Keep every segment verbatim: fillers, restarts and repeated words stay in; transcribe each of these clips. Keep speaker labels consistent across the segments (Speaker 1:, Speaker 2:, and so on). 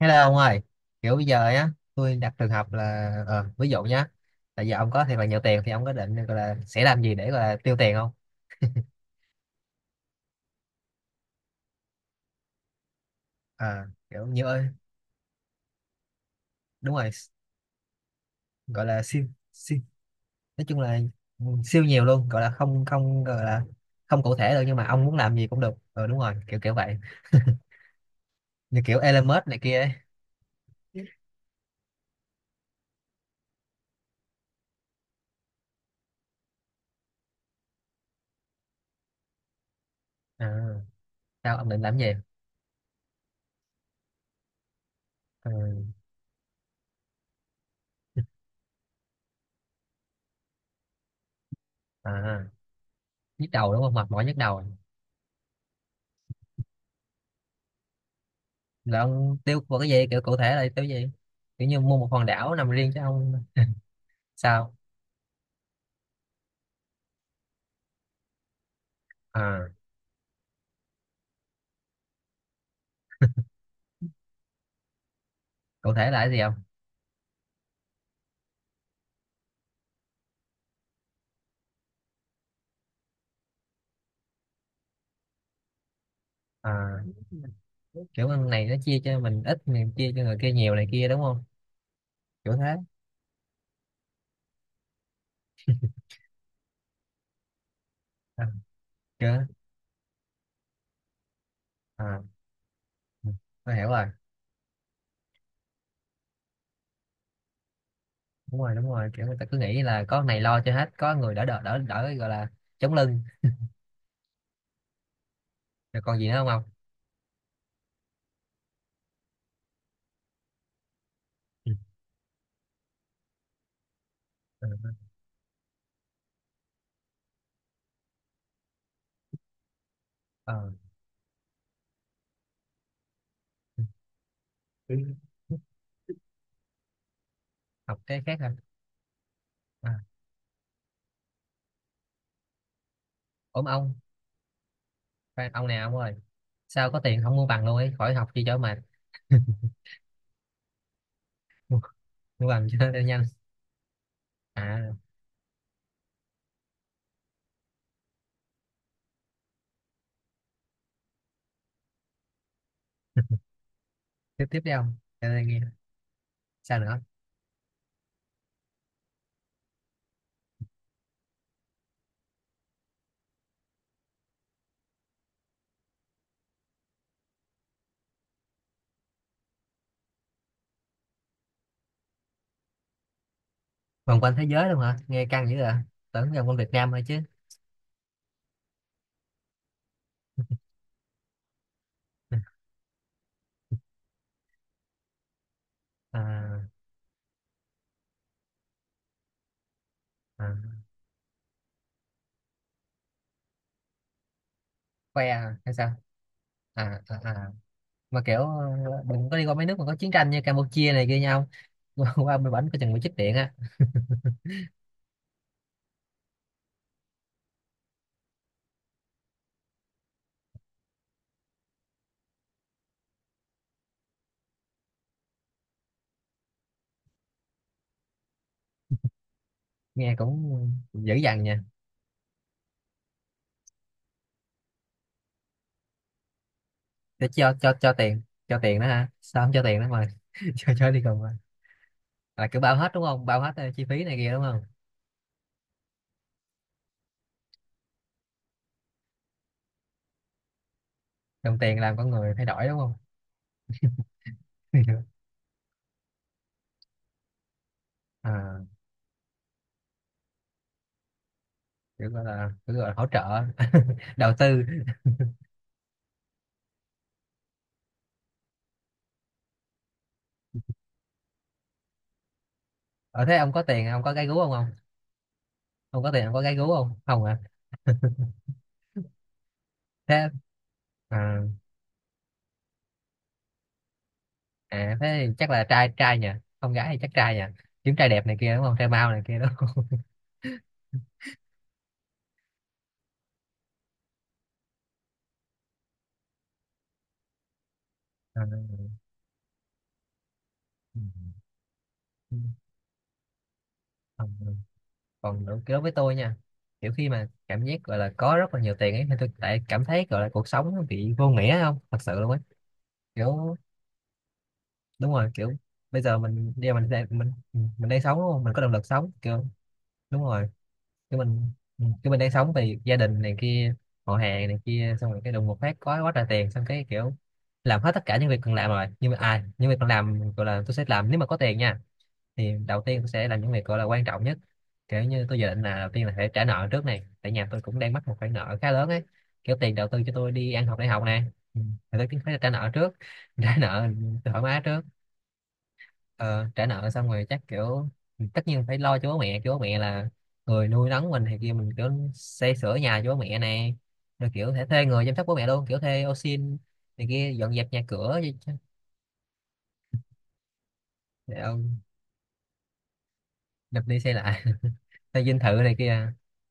Speaker 1: Hello ông ơi, kiểu bây giờ á, tôi đặt trường hợp là ờ, ví dụ nhá, là giờ ông có thiệt là nhiều tiền thì ông có định gọi là sẽ làm gì để gọi là tiêu tiền không? À, kiểu như ơi, đúng rồi, gọi là siêu siêu nói chung là ừ, siêu nhiều luôn, gọi là không không gọi là không cụ thể được nhưng mà ông muốn làm gì cũng được. Ờ đúng rồi, kiểu kiểu vậy. Như kiểu Elon Musk này kia ấy. À, sao ông định làm gì? Ừ, à, nhức đầu đúng không? Mệt mỏi nhức đầu. Là ông tiêu vào cái gì? Kiểu cụ thể là tiêu gì? Kiểu như mua một hòn đảo nằm riêng cho ông sao? À, cụ thể là cái gì không? À, kiểu con này nó chia cho mình ít mình chia cho người kia nhiều này kia đúng không, kiểu thế. À, chưa. À, ừ, tôi hiểu rồi. Đúng rồi đúng rồi, kiểu người ta cứ nghĩ là có con này lo cho hết, có người đỡ đỡ đỡ đỡ gọi là chống lưng. Rồi còn gì nữa không ông? Ừ. Ờ, ờ. Học cái khác hả? À, ốm ông. Khoan, ông nào ông ơi? Sao có tiền không mua bằng luôn ấy, khỏi học chi cho mệt. Mua, mua bằng cho nó nhanh. À, tiếp tiếp đi ông, cho tôi nghe, sao nữa? Vòng quanh thế giới luôn hả, nghe căng dữ à, tưởng vòng quanh Việt Nam thôi chứ. À, à, khoe à, hay sao? À, à, à. Mà kiểu ờ, đừng có đi qua mấy nước mà có chiến tranh như Campuchia này kia nhau. Qua bên bển có chừng bị chích điện á. Nghe cũng dữ dằn nha. Để cho cho cho tiền, cho tiền đó hả, sao không cho tiền đó mà cho cho đi cùng mà. Là cứ bao hết đúng không, bao hết ờ, chi phí này kia đúng không? Đồng tiền làm con người thay đổi đúng không? À, kiểu gọi là kiểu gọi là hỗ trợ. Đầu tư. Ở thế ông có tiền ông có gái gú không không? Không có tiền không có gái gú không không à? Thế. À, à thế thì chắc là trai trai nhỉ, không gái thì chắc trai nhỉ, kiếm trai đẹp này kia đúng không, trai mau này kia đúng không? À, ừ, ừ, ừ. Còn đối đối với tôi nha, kiểu khi mà cảm giác gọi là có rất là nhiều tiền ấy thì tôi lại cảm thấy gọi là cuộc sống nó bị vô nghĩa không thật sự luôn ấy, kiểu đúng rồi. Kiểu bây giờ mình bây giờ mình đang mình mình đang sống đúng không, mình có động lực sống, kiểu đúng rồi. Cái mình cái mình đang sống thì gia đình này kia, họ hàng này kia, xong rồi cái đùng một phát có quá trời tiền, xong cái kiểu làm hết tất cả những việc cần làm rồi, nhưng mà à, những việc cần làm gọi là tôi sẽ làm nếu mà có tiền nha, thì đầu tiên tôi sẽ làm những việc gọi là quan trọng nhất. Kiểu như tôi dự định là đầu tiên là phải trả nợ trước này, tại nhà tôi cũng đang mắc một khoản nợ khá lớn ấy, kiểu tiền đầu tư cho tôi đi ăn học đại học nè. Ừ, thì tôi cũng phải trả nợ trước. Trả nợ thoải mái trước. ờ, Trả nợ xong rồi chắc kiểu tất nhiên phải lo cho bố mẹ chứ, bố mẹ là người nuôi nấng mình, thì kia mình kiểu xây sửa nhà cho bố mẹ này, rồi kiểu thể thuê người chăm sóc bố mẹ luôn, kiểu thuê ô sin này kia dọn dẹp nhà cửa gì chứ. Để ông đập đi xây lại thuê dinh thự này kia.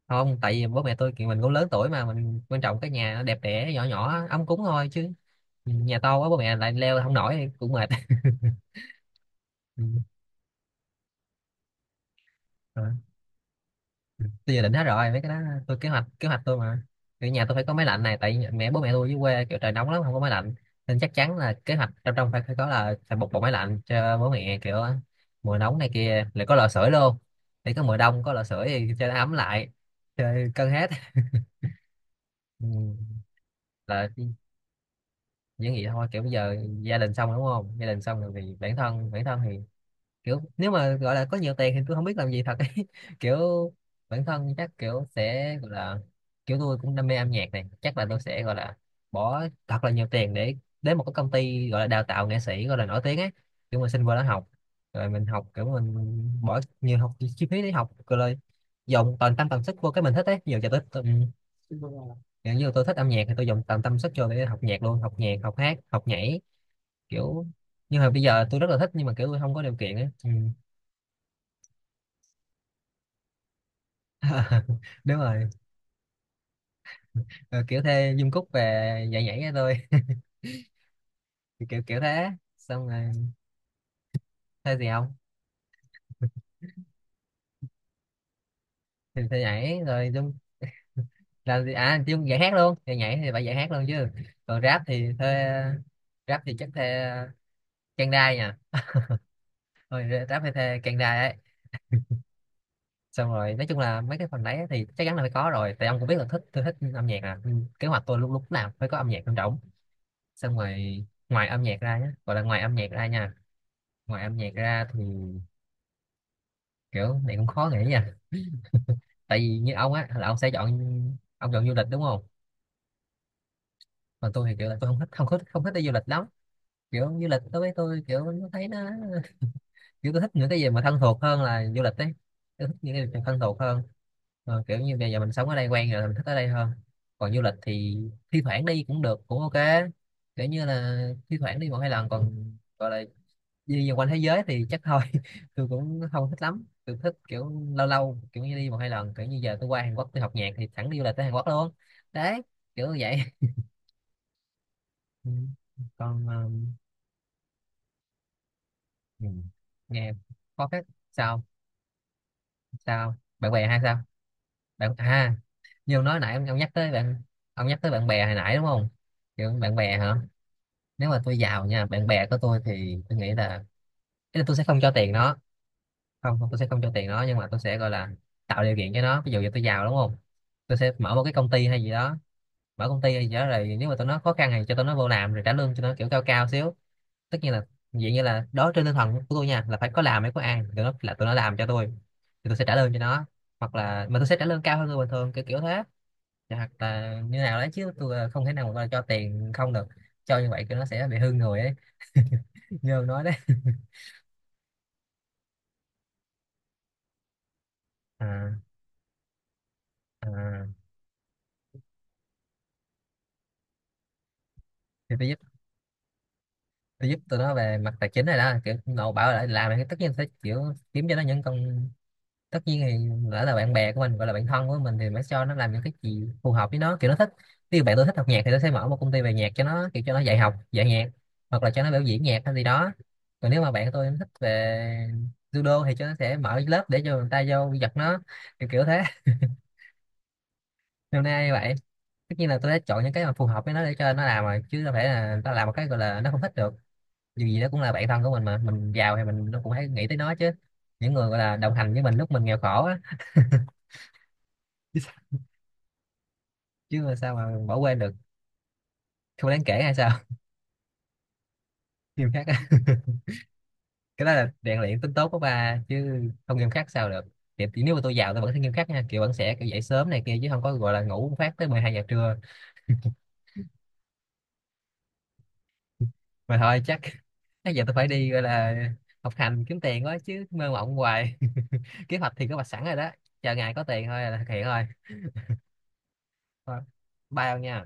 Speaker 1: Không, tại vì bố mẹ tôi kiểu mình cũng lớn tuổi mà, mình quan trọng cái nhà nó đẹp đẽ nhỏ nhỏ ấm cúng thôi chứ, nhà to quá bố mẹ lại leo không nổi thì cũng mệt. Ừ. Tôi dự định hết rồi mấy cái đó, tôi kế hoạch kế hoạch tôi mà. Kiểu nhà tôi phải có máy lạnh này, tại mẹ bố mẹ tôi dưới quê kiểu trời nóng lắm không có máy lạnh, nên chắc chắn là kế hoạch trong trong phải phải có là phải một bộ máy lạnh cho bố mẹ, kiểu mùa nóng này kia lại có lò sưởi luôn, để có mùa đông có lò sưởi thì cho nó ấm lại, chơi cân hết. Ừ. Là những gì thôi, kiểu bây giờ gia đình xong rồi đúng không, gia đình xong rồi thì bản thân, bản thân thì kiểu nếu mà gọi là có nhiều tiền thì tôi không biết làm gì thật ấy. Kiểu bản thân chắc kiểu sẽ gọi là kiểu tôi cũng đam mê âm nhạc này, chắc là tôi sẽ gọi là bỏ thật là nhiều tiền để đến một cái công ty gọi là đào tạo nghệ sĩ gọi là nổi tiếng ấy, kiểu mình xin vô đó học, rồi mình học kiểu mình bỏ nhiều học chi phí để học, rồi là dồn toàn tâm toàn sức vô cái mình thích ấy, nhiều giờ tới tôi, kiểu như tôi thích âm nhạc thì tôi dồn toàn tâm sức vô để học nhạc luôn, học nhạc học hát học nhảy kiểu, nhưng mà bây giờ tôi rất là thích nhưng mà kiểu tôi không có điều kiện ấy, ừ. Đúng rồi. Ờ, kiểu thuê Dung Cúc về nhảy nhảy cho tôi, kiểu kiểu thế. Xong rồi thuê gì không? Thì thuê nhảy rồi Dung làm gì à, Dung dạy hát luôn, nhảy nhảy thì phải dạy hát luôn chứ. Còn rap thì thuê rap thì chắc thuê Trang Đai nha, rồi rap thì thuê Trang Đai ấy. Xong rồi nói chung là mấy cái phần đấy thì chắc chắn là phải có rồi, tại ông cũng biết là thích, tôi thích âm nhạc à. Ừ, kế hoạch tôi lúc lúc nào phải có âm nhạc trong rỗng, xong rồi ngoài âm nhạc ra nhé, gọi là ngoài âm nhạc ra nha, ngoài âm nhạc ra thì kiểu này cũng khó nghĩ nha. Tại vì như ông á là ông sẽ chọn, ông chọn du lịch đúng không? Còn tôi thì kiểu là tôi không thích không thích không thích đi du lịch lắm, kiểu du lịch đối với tôi kiểu nó thấy nó kiểu tôi thích những cái gì mà thân thuộc hơn là du lịch đấy, tôi thích những cái gì thân thuộc hơn. Ờ, kiểu như bây giờ mình sống ở đây quen rồi mình thích ở đây hơn, còn du lịch thì thi thoảng đi cũng được cũng ok, kiểu như là thi thoảng đi một hai lần, còn gọi là đi vòng quanh thế giới thì chắc thôi tôi cũng không thích lắm, tôi thích kiểu lâu lâu kiểu như đi một hai lần, kiểu như giờ tôi qua Hàn Quốc tôi học nhạc thì thẳng đi du lịch tới Hàn Quốc luôn đấy, kiểu như vậy. Ừ. Còn um, ừ, nghe có cái, sao sao, bạn bè hay sao? Bạn à? Như ông nói nãy ông, ông nhắc tới bạn, ông nhắc tới bạn bè hồi nãy đúng không? Kiểu bạn bè hả? Nếu mà tôi giàu nha, bạn bè của tôi thì tôi nghĩ là, ý là tôi sẽ không cho tiền nó. Không không, tôi sẽ không cho tiền nó, nhưng mà tôi sẽ gọi là tạo điều kiện cho nó, ví dụ như tôi giàu đúng không, tôi sẽ mở một cái công ty hay gì đó, mở công ty hay gì đó rồi nếu mà tụi nó khó khăn thì cho tụi nó vô làm, rồi trả lương cho nó kiểu cao cao xíu. Tất nhiên là vậy, như là đó trên tinh thần của tôi nha, là phải có làm mới có ăn, tụi nó là tụi nó làm cho tôi thì tôi sẽ trả lương cho nó, hoặc là mà tôi sẽ trả lương cao hơn người bình thường kiểu kiểu thế. Dạ, hoặc là như nào đấy chứ tôi ờ, không thể nào mà cho tiền không được, cho như vậy thì nó sẽ bị hư người ấy, như ông nói đấy. À, à. Thì tôi nó giúp tụi nó về mặt tài chính này đó, kiểu nội bảo là làm thì tất nhiên sẽ kiểu kiếm cho nó những công. Tất nhiên thì lỡ là bạn bè của mình gọi là bạn thân của mình thì mới cho nó làm những cái gì phù hợp với nó kiểu nó thích. Ví dụ bạn tôi thích học nhạc thì tôi sẽ mở một công ty về nhạc cho nó, kiểu cho nó dạy học dạy nhạc, hoặc là cho nó biểu diễn nhạc hay gì đó. Còn nếu mà bạn tôi thích về judo thì cho nó sẽ mở lớp để cho người ta vô giật nó, kiểu kiểu thế. Hôm nay như vậy. Tất nhiên là tôi đã chọn những cái mà phù hợp với nó để cho nó làm rồi, chứ đâu phải là nó làm một cái gọi là nó không thích được, dù gì đó cũng là bạn thân của mình mà, mình giàu thì mình nó cũng phải nghĩ tới nó chứ, những người gọi là đồng hành với mình lúc mình nghèo khổ á. Chứ sao, chứ mà sao mà bỏ quên được, không đáng kể hay sao? Nghiêm khắc á. Cái đó là rèn luyện tính tốt của ba chứ, không nghiêm khắc sao được. Thì thì nếu mà tôi giàu tôi vẫn sẽ nghiêm khắc nha, kiểu vẫn sẽ kiểu dậy sớm này kia chứ không có gọi là ngủ một phát tới mười hai giờ trưa. Mà thôi chắc bây giờ tôi phải đi gọi là học hành kiếm tiền quá chứ mơ mộng hoài. Kế hoạch thì có mặt sẵn rồi đó, chờ ngày có tiền thôi là thực hiện thôi. Thôi, bye ông nha.